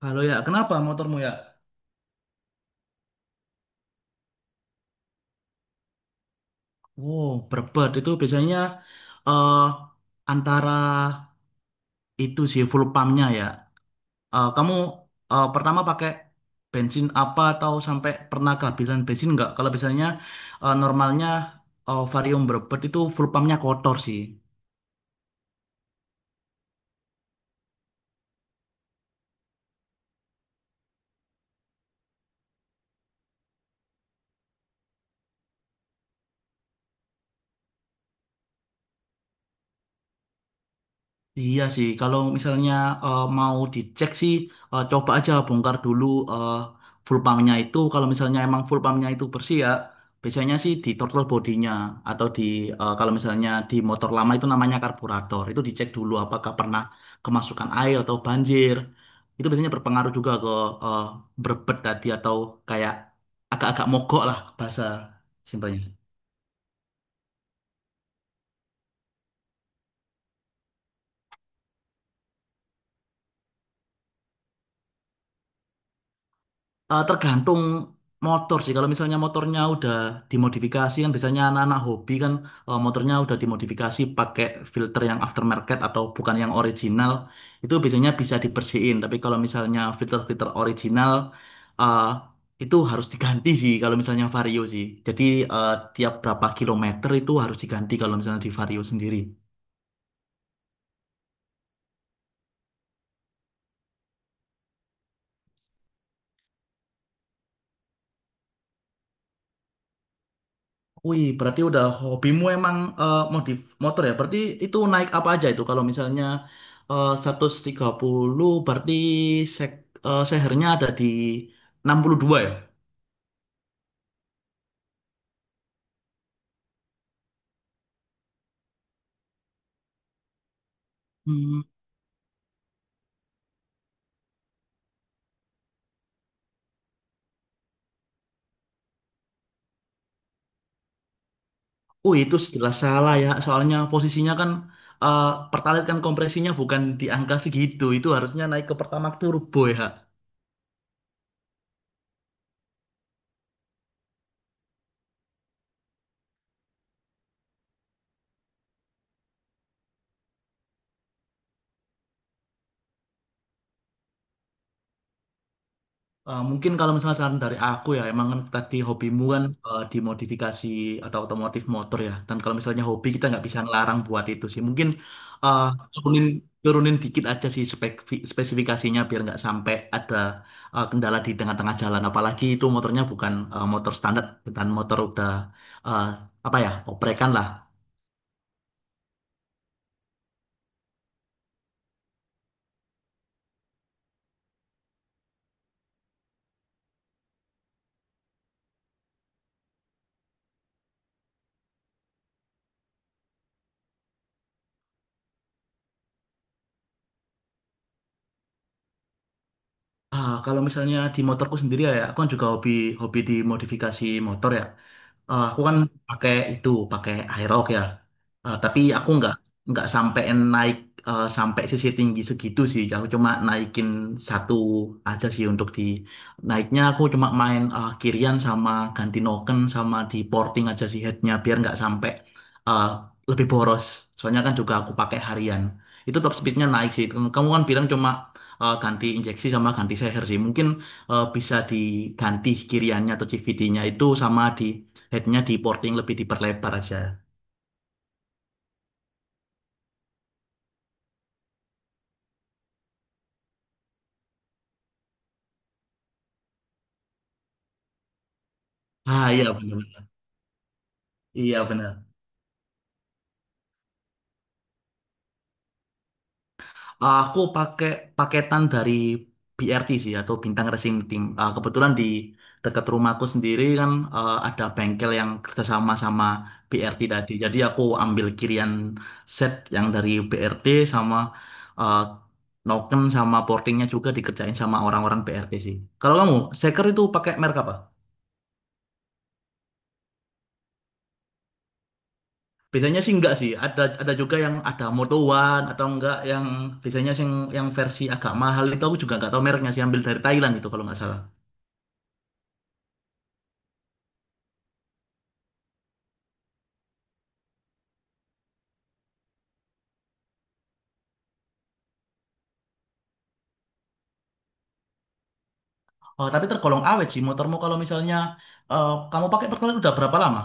Kalau ya, kenapa motormu ya? Wow, berbet itu biasanya eh antara itu sih full pumpnya ya. Kamu pertama pakai bensin apa atau sampai pernah kehabisan bensin nggak? Kalau biasanya normalnya Varium berbet itu full pumpnya kotor sih. Iya sih, kalau misalnya mau dicek sih, coba aja bongkar dulu eh, full pumpnya itu. Kalau misalnya emang full pumpnya itu bersih ya, biasanya sih di throttle bodinya atau di kalau misalnya di motor lama itu namanya karburator. Itu dicek dulu apakah pernah kemasukan air atau banjir. Itu biasanya berpengaruh juga ke eh, berbet tadi atau kayak agak-agak mogok lah bahasa simpelnya. Tergantung motor sih. Kalau misalnya motornya udah dimodifikasi kan biasanya anak-anak hobi kan motornya udah dimodifikasi pakai filter yang aftermarket atau bukan yang original. Itu biasanya bisa dibersihin. Tapi kalau misalnya filter-filter original eh, itu harus diganti sih kalau misalnya Vario sih. Jadi eh, tiap berapa kilometer itu harus diganti kalau misalnya di Vario sendiri. Wih, berarti udah hobimu emang modif motor ya? Berarti itu naik apa aja itu? Kalau misalnya 130, berarti sek, sehernya ada di 62 ya? Hmm. Oh, itu jelas salah ya. Soalnya posisinya kan eh, pertalite kan kompresinya bukan di angka segitu. Itu harusnya naik ke pertamax turbo ya. Mungkin kalau misalnya saran dari aku ya, emang kan tadi hobimu kan di modifikasi atau otomotif motor ya. Dan kalau misalnya hobi kita nggak bisa ngelarang buat itu sih. Mungkin eh, turunin turunin dikit aja sih spesifikasinya biar nggak sampai ada kendala di tengah-tengah jalan. Apalagi itu motornya bukan motor standar, bukan motor udah eh, apa ya oprekan lah. Ah, kalau misalnya di motorku sendiri ya, ya, aku kan juga hobi hobi di modifikasi motor ya. Aku kan pakai itu, pakai Aerox ya. Tapi aku nggak sampein naik sampai sisi tinggi segitu sih. Aku cuma naikin satu aja sih untuk di naiknya. Aku cuma main kirian sama ganti noken sama di porting aja sih headnya biar nggak sampai eh, lebih boros. Soalnya kan juga aku pakai harian. Itu top speednya naik sih. Kamu kan bilang cuma ganti injeksi sama ganti seher sih. Mungkin bisa diganti kiriannya atau CVD-nya itu sama di headnya di porting lebih diperlebar aja. Ah, iya benar. Iya benar. Aku pakai paketan dari BRT sih atau Bintang Racing Team. Ah, kebetulan di dekat rumahku sendiri kan ada bengkel yang kerjasama sama BRT tadi. Jadi aku ambil kirian set yang dari BRT sama eh, noken sama portingnya juga dikerjain sama orang-orang BRT sih. Kalau kamu, seker itu pakai merek apa? Biasanya sih enggak sih. Ada juga yang ada motowan atau enggak yang biasanya sih yang versi agak mahal itu aku juga enggak tahu mereknya sih, ambil dari Thailand itu kalau nggak salah. Oh, tapi tergolong awet sih motormu, kalau misalnya kamu pakai pertalite udah berapa lama?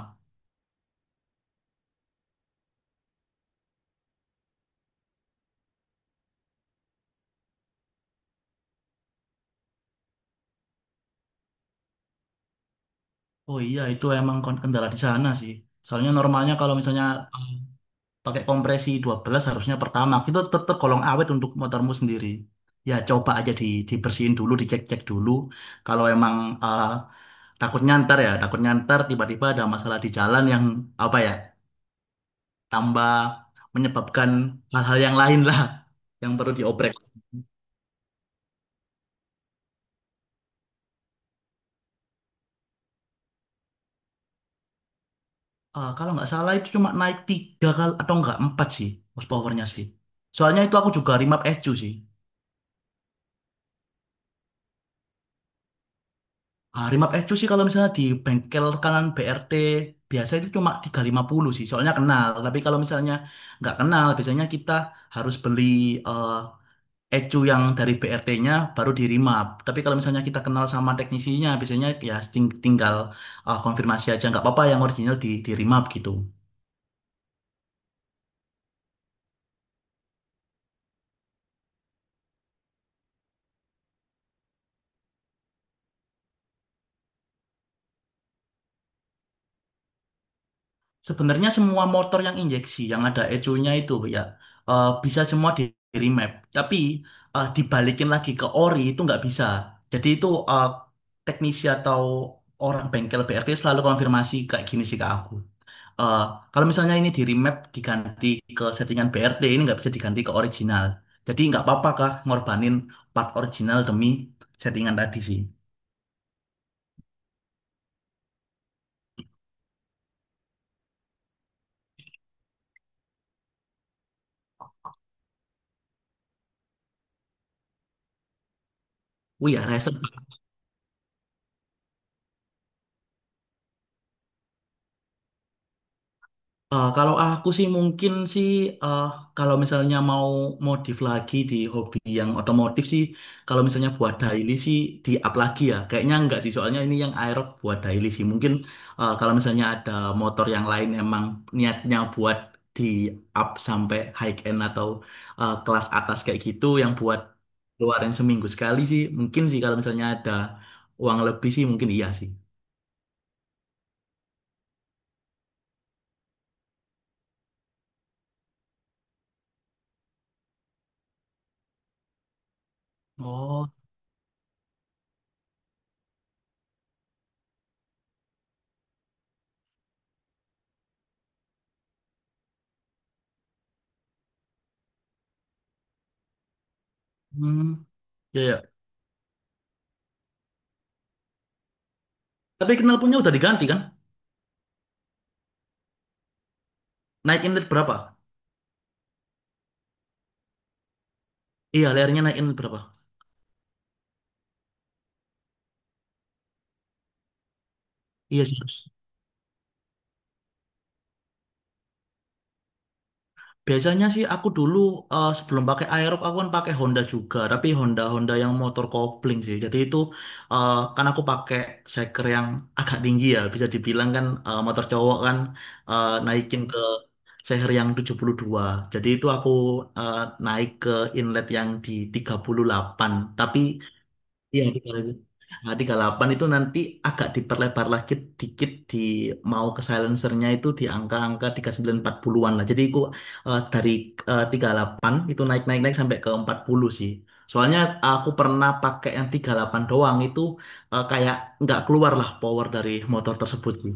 Oh iya, itu emang kendala di sana sih. Soalnya normalnya kalau misalnya pakai kompresi 12 harusnya pertama itu tergolong awet untuk motormu sendiri. Ya, coba aja di dibersihin dulu, dicek-cek dulu kalau emang eh, takutnya ntar, ya takutnya ntar tiba-tiba ada masalah di jalan yang apa ya tambah menyebabkan hal-hal yang lain lah yang perlu diobrek. Kalau nggak salah itu cuma naik tiga kali atau nggak empat sih horsepower-nya sih, soalnya itu aku juga remap SU sih. Ah, Rimap Ecu sih kalau misalnya di bengkel kanan BRT biasa itu cuma 350 sih, soalnya kenal. Tapi kalau misalnya nggak kenal, biasanya kita harus beli eh, Ecu yang dari BRT-nya baru di Rimap. Tapi kalau misalnya kita kenal sama teknisinya, biasanya ya tinggal konfirmasi aja nggak apa-apa yang original di Rimap gitu. Sebenarnya semua motor yang injeksi yang ada ecunya itu ya bisa semua di remap. Tapi dibalikin lagi ke ori itu nggak bisa. Jadi itu teknisi atau orang bengkel BRT selalu konfirmasi kayak gini sih ke aku. Eh, Kalau misalnya ini di remap diganti ke settingan BRT ini nggak bisa diganti ke original. Jadi nggak apa-apa kah ngorbanin part original demi settingan tadi sih. Wih ya. Kalau aku sih mungkin sih eh, kalau misalnya mau modif lagi di hobi yang otomotif sih, kalau misalnya buat daily sih di up lagi ya kayaknya enggak sih, soalnya ini yang aerob buat daily sih. Mungkin kalau misalnya ada motor yang lain emang niatnya buat di up sampai high end atau kelas atas kayak gitu yang buat keluarin seminggu sekali sih, mungkin sih kalau misalnya ada uang lebih sih mungkin iya sih. Oh, hmm. Ya, ya. Tapi knalpotnya udah diganti kan? Naik inlet berapa? Iya, layarnya naik inlet berapa? Iya sih. Terus, biasanya sih aku dulu sebelum pakai Aerox aku kan pakai Honda juga, tapi Honda Honda yang motor kopling sih. Jadi itu kan aku pakai seker yang agak tinggi ya, bisa dibilang kan motor cowok kan naikin ke seher yang 72. Jadi itu aku eh, naik ke inlet yang di 38. Tapi iya, di Kalapan. Nah, di Kalapan itu nanti agak diperlebar lagi dikit di mau ke silencernya itu di angka-angka 3940-an lah. Jadi aku dari 38 itu naik-naik naik sampai ke 40 sih. Soalnya aku pernah pakai yang 38 doang itu kayak nggak keluar lah power dari motor tersebut sih.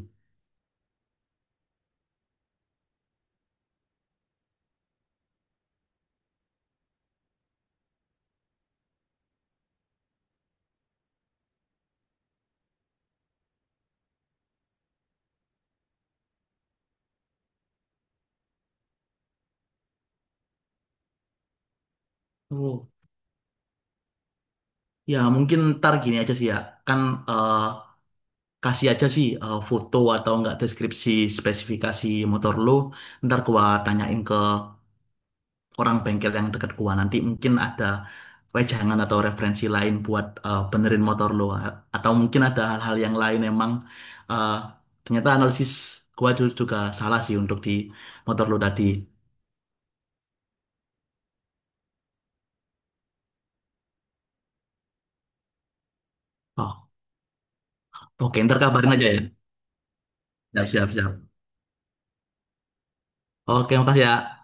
Oh. Ya mungkin ntar gini aja sih ya. Kan eh, kasih aja sih foto atau enggak deskripsi spesifikasi motor lu. Ntar gua tanyain ke orang bengkel yang dekat gua, nanti mungkin ada wejangan atau referensi lain buat benerin motor lo, atau mungkin ada hal-hal yang lain emang eh, ternyata analisis gua juga salah sih untuk di motor lo tadi. Oh, oke, ntar kabarin aja ya. Siap, siap, siap. Oke, makasih ya.